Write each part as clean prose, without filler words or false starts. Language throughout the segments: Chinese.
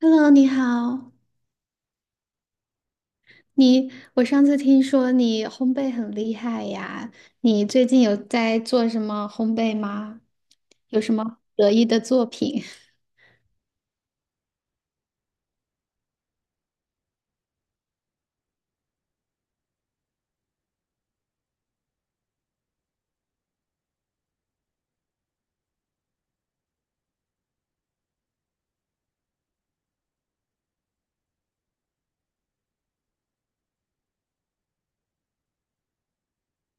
Hello，你好。你，我上次听说你烘焙很厉害呀，你最近有在做什么烘焙吗？有什么得意的作品？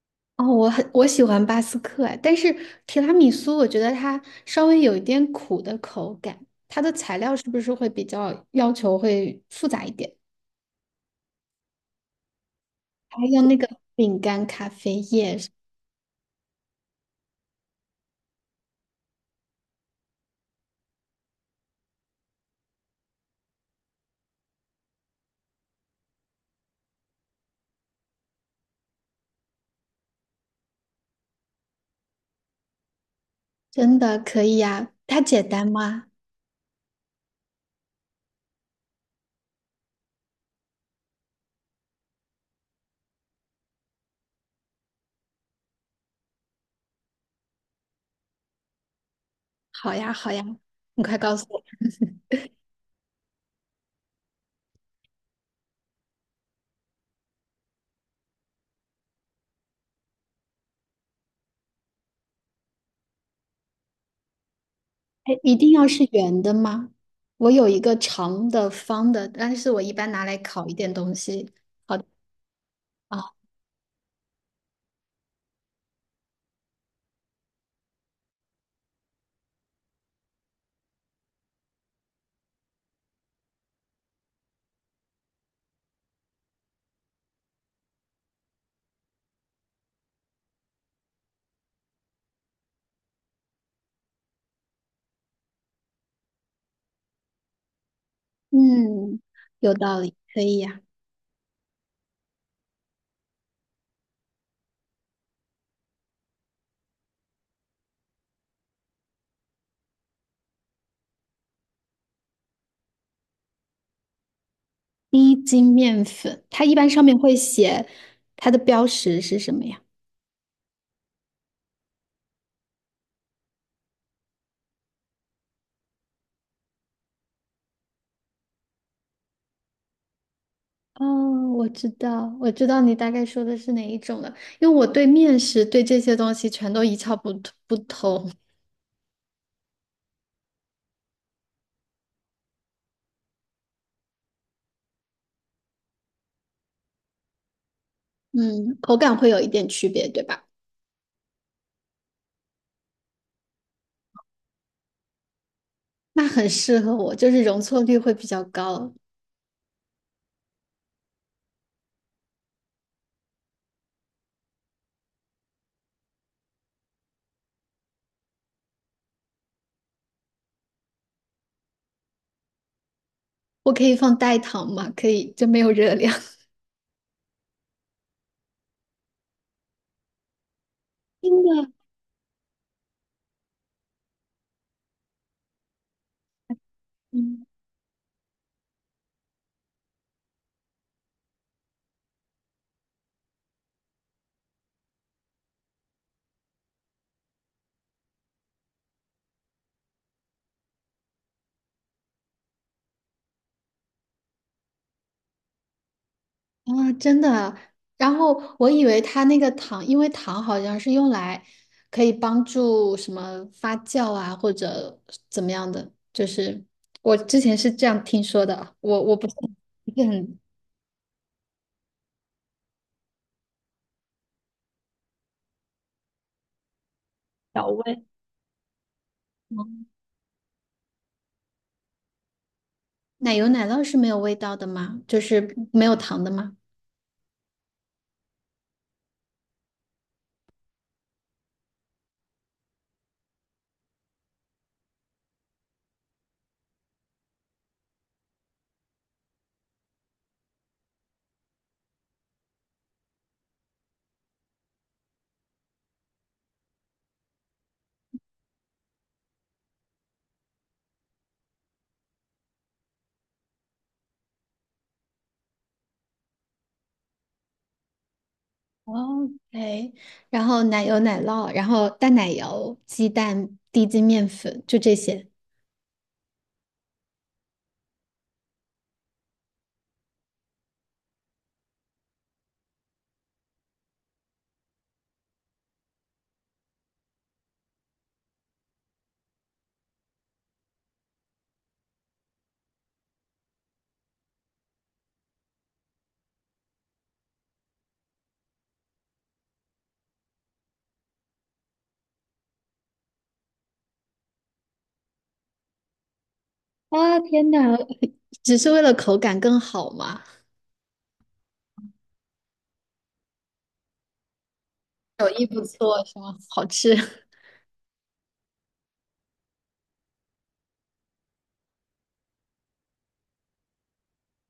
哦，我喜欢巴斯克哎，但是提拉米苏我觉得它稍微有一点苦的口感，它的材料是不是会比较要求会复杂一点？还有那个饼干咖啡液，真的可以呀？它简单吗？好呀，好呀，你快告诉我。哎，一定要是圆的吗？我有一个长的、方的，但是我一般拿来烤一点东西。啊。嗯，有道理，可以呀、低筋面粉，它一般上面会写它的标识是什么呀？哦，我知道，我知道你大概说的是哪一种了，因为我对面食对这些东西全都一窍不通。嗯，口感会有一点区别，对吧？那很适合我，就是容错率会比较高。我可以放代糖吗？可以，就没有热量。真的，嗯真的。然后我以为它那个糖，因为糖好像是用来可以帮助什么发酵啊，或者怎么样的，就是我之前是这样听说的，我不是不是很调味。嗯奶油奶酪是没有味道的吗？就是没有糖的吗？OK，然后奶油奶酪，然后淡奶油、鸡蛋、低筋面粉，就这些。啊，天哪，只是为了口感更好吗？手艺不错是吗？好吃。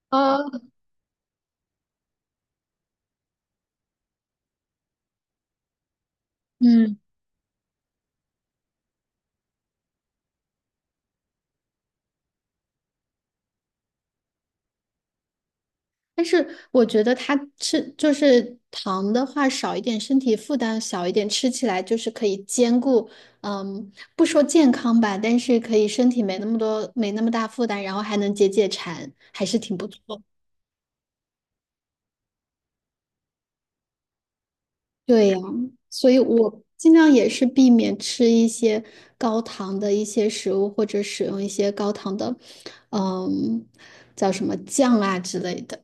啊，嗯，但是我觉得它吃就是糖的话少一点，身体负担小一点，吃起来就是可以兼顾，嗯，不说健康吧，但是可以身体没那么多，没那么大负担，然后还能解解馋，还是挺不错。对呀，所以我尽量也是避免吃一些高糖的一些食物，或者使用一些高糖的，嗯，叫什么酱啊之类的。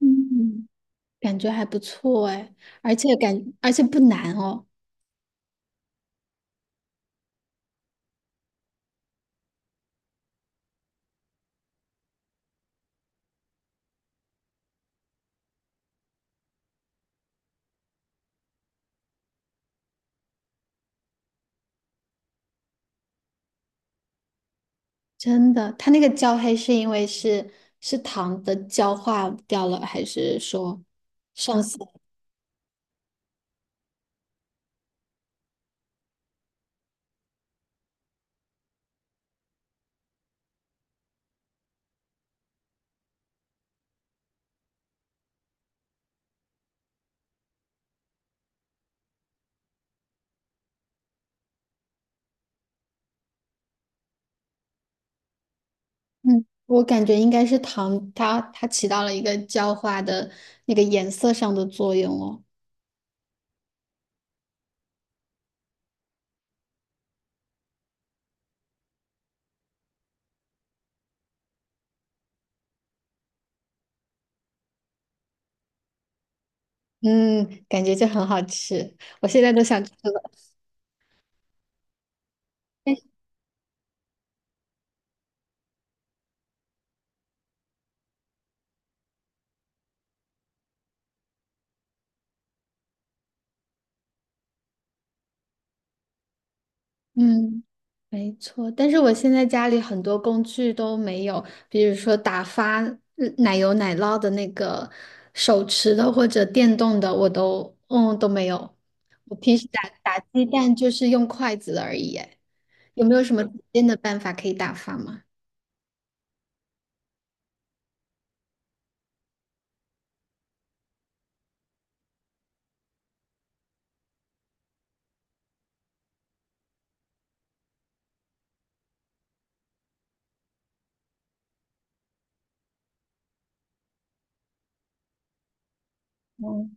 嗯。感觉还不错哎，而且不难哦，真的。它那个焦黑是因为是糖的焦化掉了，还是说上色？嗯，我感觉应该是糖，它起到了一个焦化的那个颜色上的作用哦。嗯，感觉就很好吃，我现在都想吃了。嗯，没错，但是我现在家里很多工具都没有，比如说打发奶油奶酪的那个手持的或者电动的，我都没有。我平时打打鸡蛋就是用筷子而已耶，有没有什么简单的办法可以打发吗？嗯。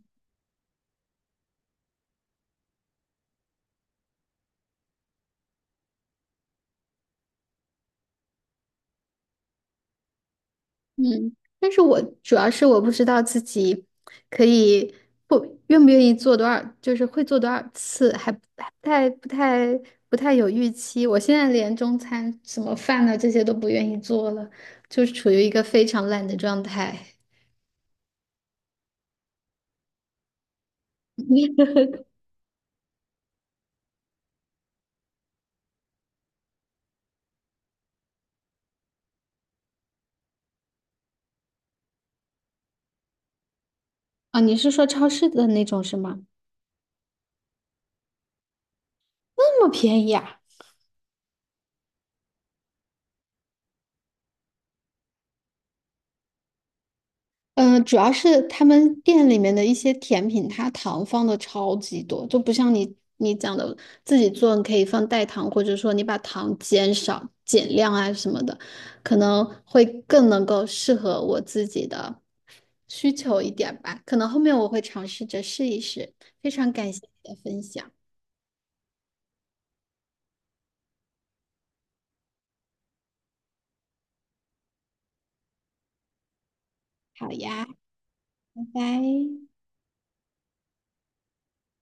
嗯，但是我主要是我不知道自己可以不愿意做多少，就是会做多少次，还不太有预期。我现在连中餐什么饭呢这些都不愿意做了，就是处于一个非常懒的状态。你啊，你是说超市的那种是吗？那么便宜啊？嗯，主要是他们店里面的一些甜品，它糖放的超级多，就不像你讲的自己做，你可以放代糖，或者说你把糖减少、减量啊什么的，可能会更能够适合我自己的需求一点吧。可能后面我会尝试着试一试。非常感谢你的分享，好呀，拜拜。